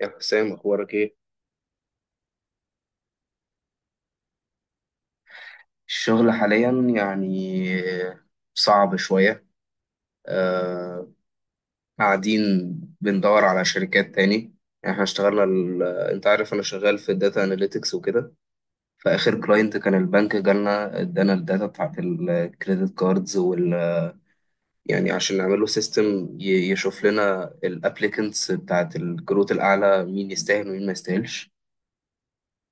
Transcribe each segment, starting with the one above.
يا حسام، اخبارك ايه؟ الشغل حاليا يعني صعب شوية. آه، قاعدين بندور على شركات تاني. يعني احنا اشتغلنا انت عارف انا شغال في الداتا اناليتكس وكده. فاخر كلاينت كان البنك، جالنا ادانا الداتا بتاعت الكريدت كاردز وال يعني عشان نعمل له سيستم يشوف لنا الابليكنتس بتاعت الكروت الاعلى، مين يستاهل ومين ما يستاهلش.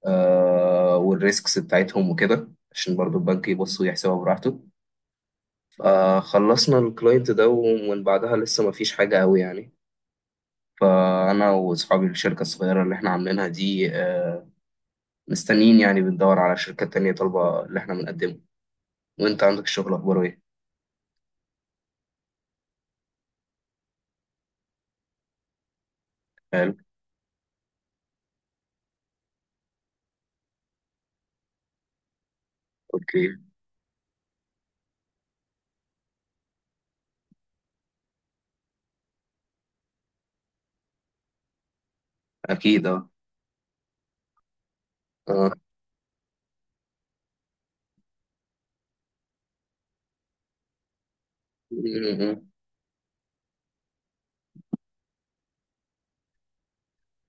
آه، والريسكس بتاعتهم وكده عشان برضو البنك يبص ويحسبها براحته. آه، خلصنا الكلاينت ده، ومن بعدها لسه ما فيش حاجة قوي يعني. فأنا وأصحابي الشركة الصغيرة اللي إحنا عاملينها دي آه، مستنيين، يعني بندور على شركات تانية طالبة اللي إحنا بنقدمه. وأنت عندك الشغل أخباره إيه؟ حلو. أوكي. أكيد أه. آه. م- م.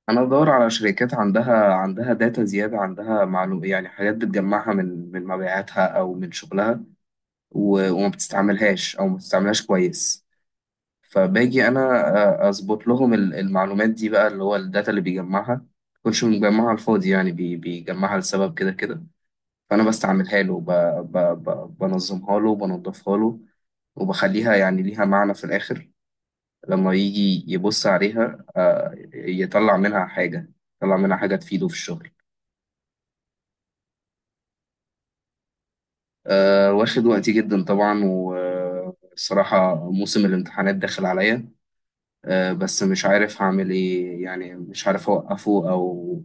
أنا بدور على شركات عندها داتا زيادة، عندها معلومة، يعني حاجات بتجمعها من مبيعاتها أو من شغلها، وما بتستعملهاش أو ما بتستعملهاش كويس. فباجي انا آه، اظبط لهم المعلومات دي بقى، اللي هو الداتا اللي بيجمعها. مكنش مجمعها على الفاضي يعني، بيجمعها لسبب كده كده. فانا بستعملها له، بنظمها له وبنضفها له، وبخليها يعني ليها معنى في الآخر. لما يجي يبص عليها آه، يطلع منها حاجة، يطلع منها حاجة تفيده في الشغل. آه، واخد وقتي جدا طبعا، والصراحة موسم الامتحانات داخل عليا. آه، بس مش عارف هعمل ايه، يعني مش عارف اوقفه او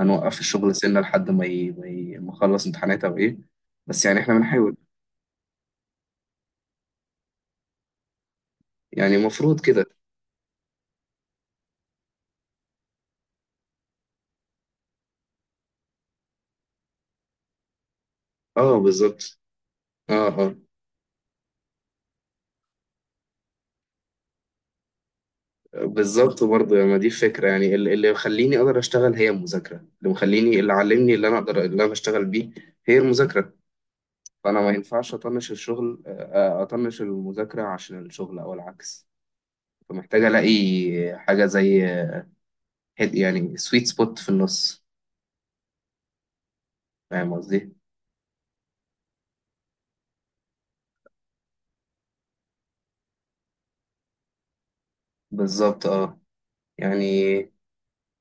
هنوقف الشغل سنة لحد ما اخلص امتحانات او ايه. بس يعني احنا بنحاول. يعني المفروض كده. اه بالظبط. اه اه. بالظبط، برضه ما دي فكرة. يعني اللي مخليني اقدر اشتغل هي المذاكرة، اللي مخليني، اللي علمني، اللي انا اقدر، اللي انا بشتغل بيه، هي المذاكرة. فانا ما ينفعش اطنش الشغل آه، آه، اطنش المذاكرة عشان الشغل او العكس. فمحتاج الاقي حاجة زي يعني سويت سبوت في النص. فاهم قصدي؟ بالظبط اه. يعني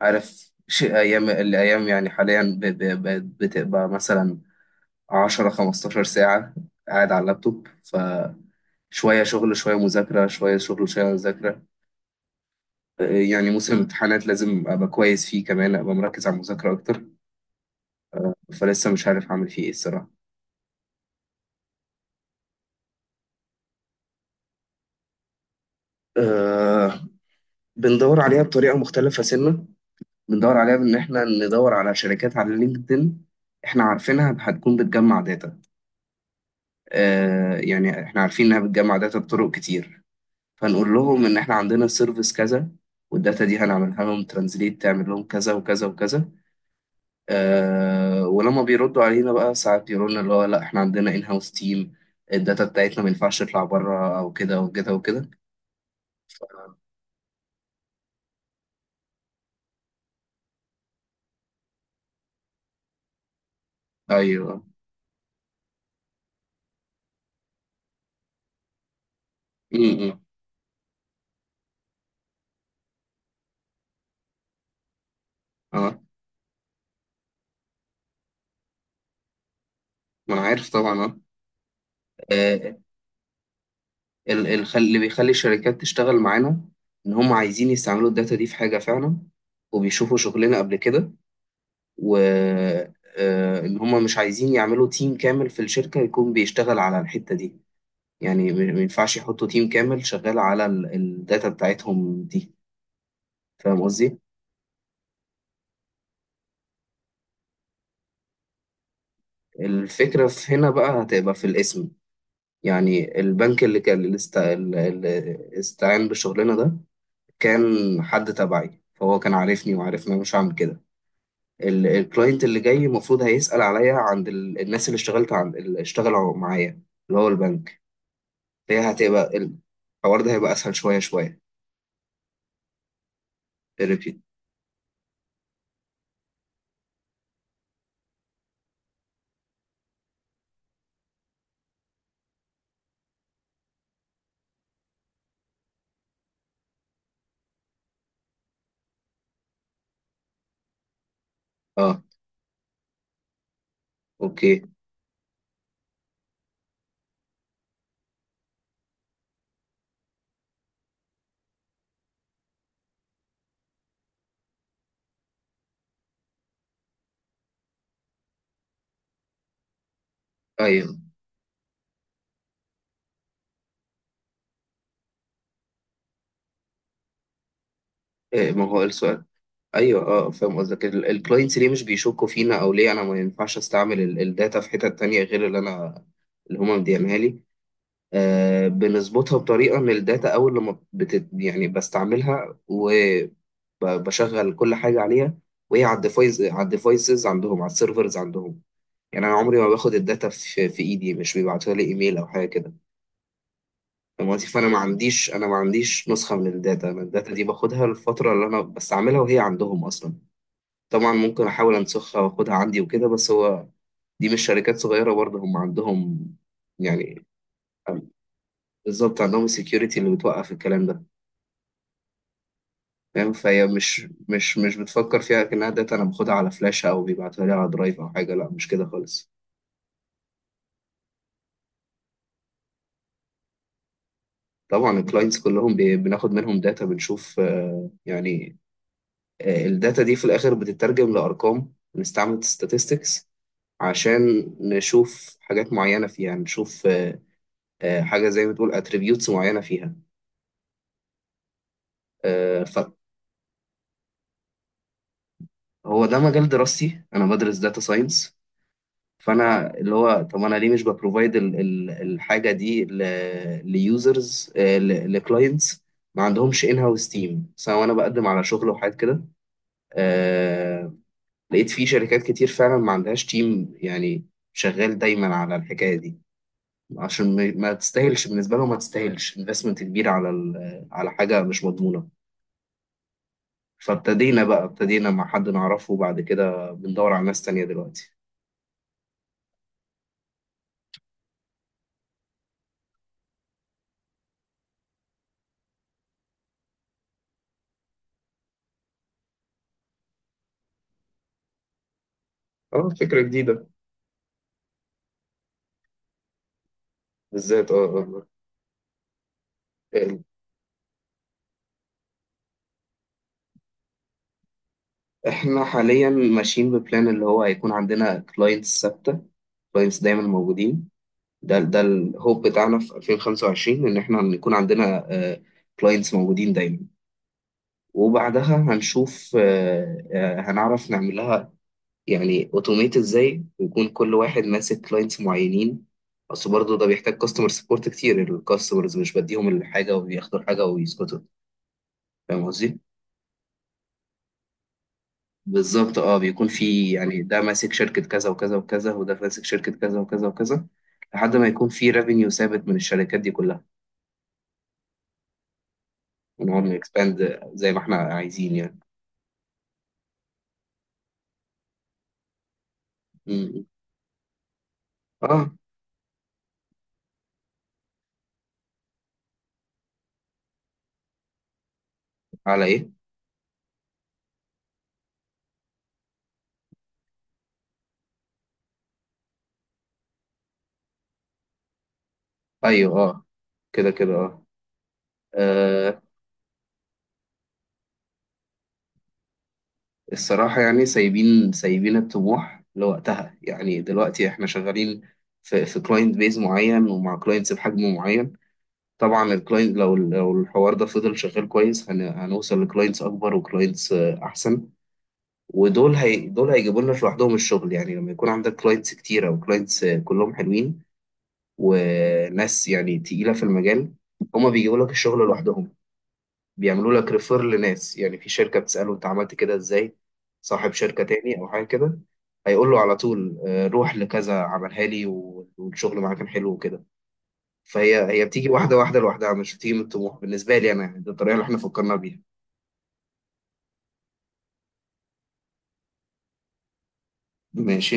عارف شيء ايام الايام، يعني حاليا بتبقى مثلا 10 15 ساعة قاعد على اللابتوب. ف شوية شغل شوية مذاكرة شوية شغل شوية مذاكرة. آه، يعني موسم الامتحانات لازم أبقى كويس فيه، كمان أبقى مركز على المذاكرة أكتر. فلسه مش عارف أعمل فيه إيه الصراحة. أه. بندور عليها بطريقة مختلفة سنة. بندور عليها بإن إحنا ندور على شركات على لينكدإن إحنا عارفينها هتكون بتجمع داتا. آه، يعني احنا عارفين انها بتجمع داتا بطرق كتير، فنقول لهم ان احنا عندنا السيرفيس كذا، والداتا دي هنعملها لهم ترانزليت، تعمل لهم كذا وكذا وكذا. آه، ولما بيردوا علينا بقى ساعات يقولوا لنا اللي هو لا احنا عندنا ان هاوس تيم، الداتا بتاعتنا ما ينفعش تطلع بره او كده وكده وكده. ايوه. امم. اه ما انا عارف طبعا. اه آه، اللي بيخلي الشركات تشتغل معانا ان هم عايزين يستعملوا الداتا دي في حاجه فعلا، وبيشوفوا شغلنا قبل كده، و آه، ان هم مش عايزين يعملوا تيم كامل في الشركة يكون بيشتغل على الحتة دي. يعني ما ينفعش يحطوا تيم كامل شغال على الداتا بتاعتهم دي. فاهم قصدي؟ الفكرة في هنا بقى هتبقى في الاسم. يعني البنك اللي كان، اللي استعان بالشغلانة ده، كان حد تبعي، فهو كان عارفني وعارف ان انا مش هعمل كده. الكلاينت اللي جاي المفروض هيسأل عليا عند الناس اللي اشتغلت عند، اللي اشتغلوا معايا، اللي هو البنك. هي هتبقى، الحوار ده هيبقى اسهل شويه شويه. الريبيت. اه. اوكي. ايوه. إيه، ما هو السؤال. ايوه اه، فاهم قصدك. الكلاينتس ليه مش بيشكوا فينا، او ليه انا ما ينفعش استعمل الداتا في حتت تانية غير اللي انا، اللي هما مديانها لي. آه، بنظبطها بطريقه ان الداتا اول لما بت يعني بستعملها وبشغل كل حاجه عليها، وهي على الديفايس، على الديفايسز عندهم، على السيرفرز عندهم. يعني انا عمري ما باخد الداتا في ايدي، مش بيبعتوها لي ايميل او حاجه كده. وظيفة أنا ما عنديش، أنا ما عنديش نسخة من الداتا. أنا الداتا دي باخدها للفترة اللي أنا بستعملها، وهي عندهم أصلا. طبعا ممكن أحاول أنسخها وأخدها عندي وكده، بس هو دي مش شركات صغيرة برضه، هم عندهم يعني. بالظبط، عندهم السكيورتي اللي بتوقف الكلام ده. فاهم؟ فهي مش بتفكر فيها كأنها داتا أنا باخدها على فلاشة أو بيبعتوها لي على درايف أو حاجة. لا، مش كده خالص. طبعا الكلاينتس كلهم بناخد منهم داتا، بنشوف آه، يعني آه، الداتا دي في الآخر بتترجم لأرقام، بنستعمل statistics عشان نشوف حاجات معينة فيها. نشوف آه، آه، حاجة زي ما تقول اتريبيوتس معينة فيها. آه، فهو ده مجال دراستي، أنا بدرس داتا ساينس. فأنا اللي هو طب أنا ليه مش ببروفايد الحاجة دي ليوزرز، لكلاينتس ما عندهمش ان هاوس تيم، سواء انا بقدم على شغل وحاجات كده. آه، لقيت في شركات كتير فعلا ما عندهاش تيم يعني شغال دايما على الحكاية دي، عشان ما تستاهلش بالنسبه لهم، ما تستاهلش انفستمنت كبير على على حاجه مش مضمونه. فابتدينا بقى، ابتدينا مع حد نعرفه، وبعد كده بندور على ناس تانية دلوقتي. اه فكره جديده. بالذات اه. آه. آه. احنا حاليا ماشيين ببلان اللي هو هيكون عندنا كلاينتس ثابته، كلاينتس دايما موجودين. ده الهوب بتاعنا في 2025، ان احنا يكون عندنا كلاينتس موجودين دايما. وبعدها هنشوف آه، آه، هنعرف نعمل لها يعني اوتوميت ازاي، ويكون كل واحد ماسك كلاينتس معينين. اصل برضه ده بيحتاج كاستمر سبورت كتير، الكاستمرز مش بديهم الحاجه وبياخدوا الحاجه ويسكتوا. فاهم قصدي؟ بالظبط اه. بيكون في يعني ده ماسك شركه كذا وكذا وكذا، وده ماسك شركه كذا وكذا وكذا، لحد ما يكون في ريفينيو ثابت من الشركات دي كلها. ونقعد نكسباند زي ما احنا عايزين يعني. م- م. اه. على ايه؟ ايوه اه، كده كده اه. آه، الصراحة يعني سايبين، سايبين الطموح لوقتها. يعني دلوقتي احنا شغالين في كلاينت بيز معين، ومع كلاينتس بحجم معين. طبعا الكلاينت لو الحوار ده فضل شغال كويس هنوصل لكلاينتس اكبر وكلاينتس احسن. ودول، هي دول هيجيبوا لنا لوحدهم الشغل. يعني لما يكون عندك كلاينتس كتيرة، وكلاينتس كلهم حلوين، وناس يعني تقيلة في المجال، هما بيجيبوا لك الشغل لوحدهم. بيعملوا لك ريفير لناس، يعني في شركة بتسأله انت عملت كده ازاي، صاحب شركة تاني او حاجة كده، هيقول له على طول آه، روح لكذا عملها لي والشغل معاه كان حلو وكده. فهي، هي بتيجي واحدة واحدة لوحدها، مش بتيجي من الطموح بالنسبة لي انا. يعني دي الطريقة اللي احنا فكرنا بيها. ماشي.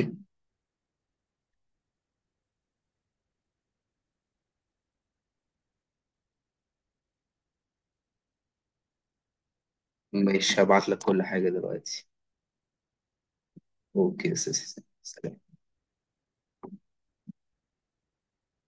ماشي، هبعت لك كل حاجة دلوقتي. اوكي يا سيدي.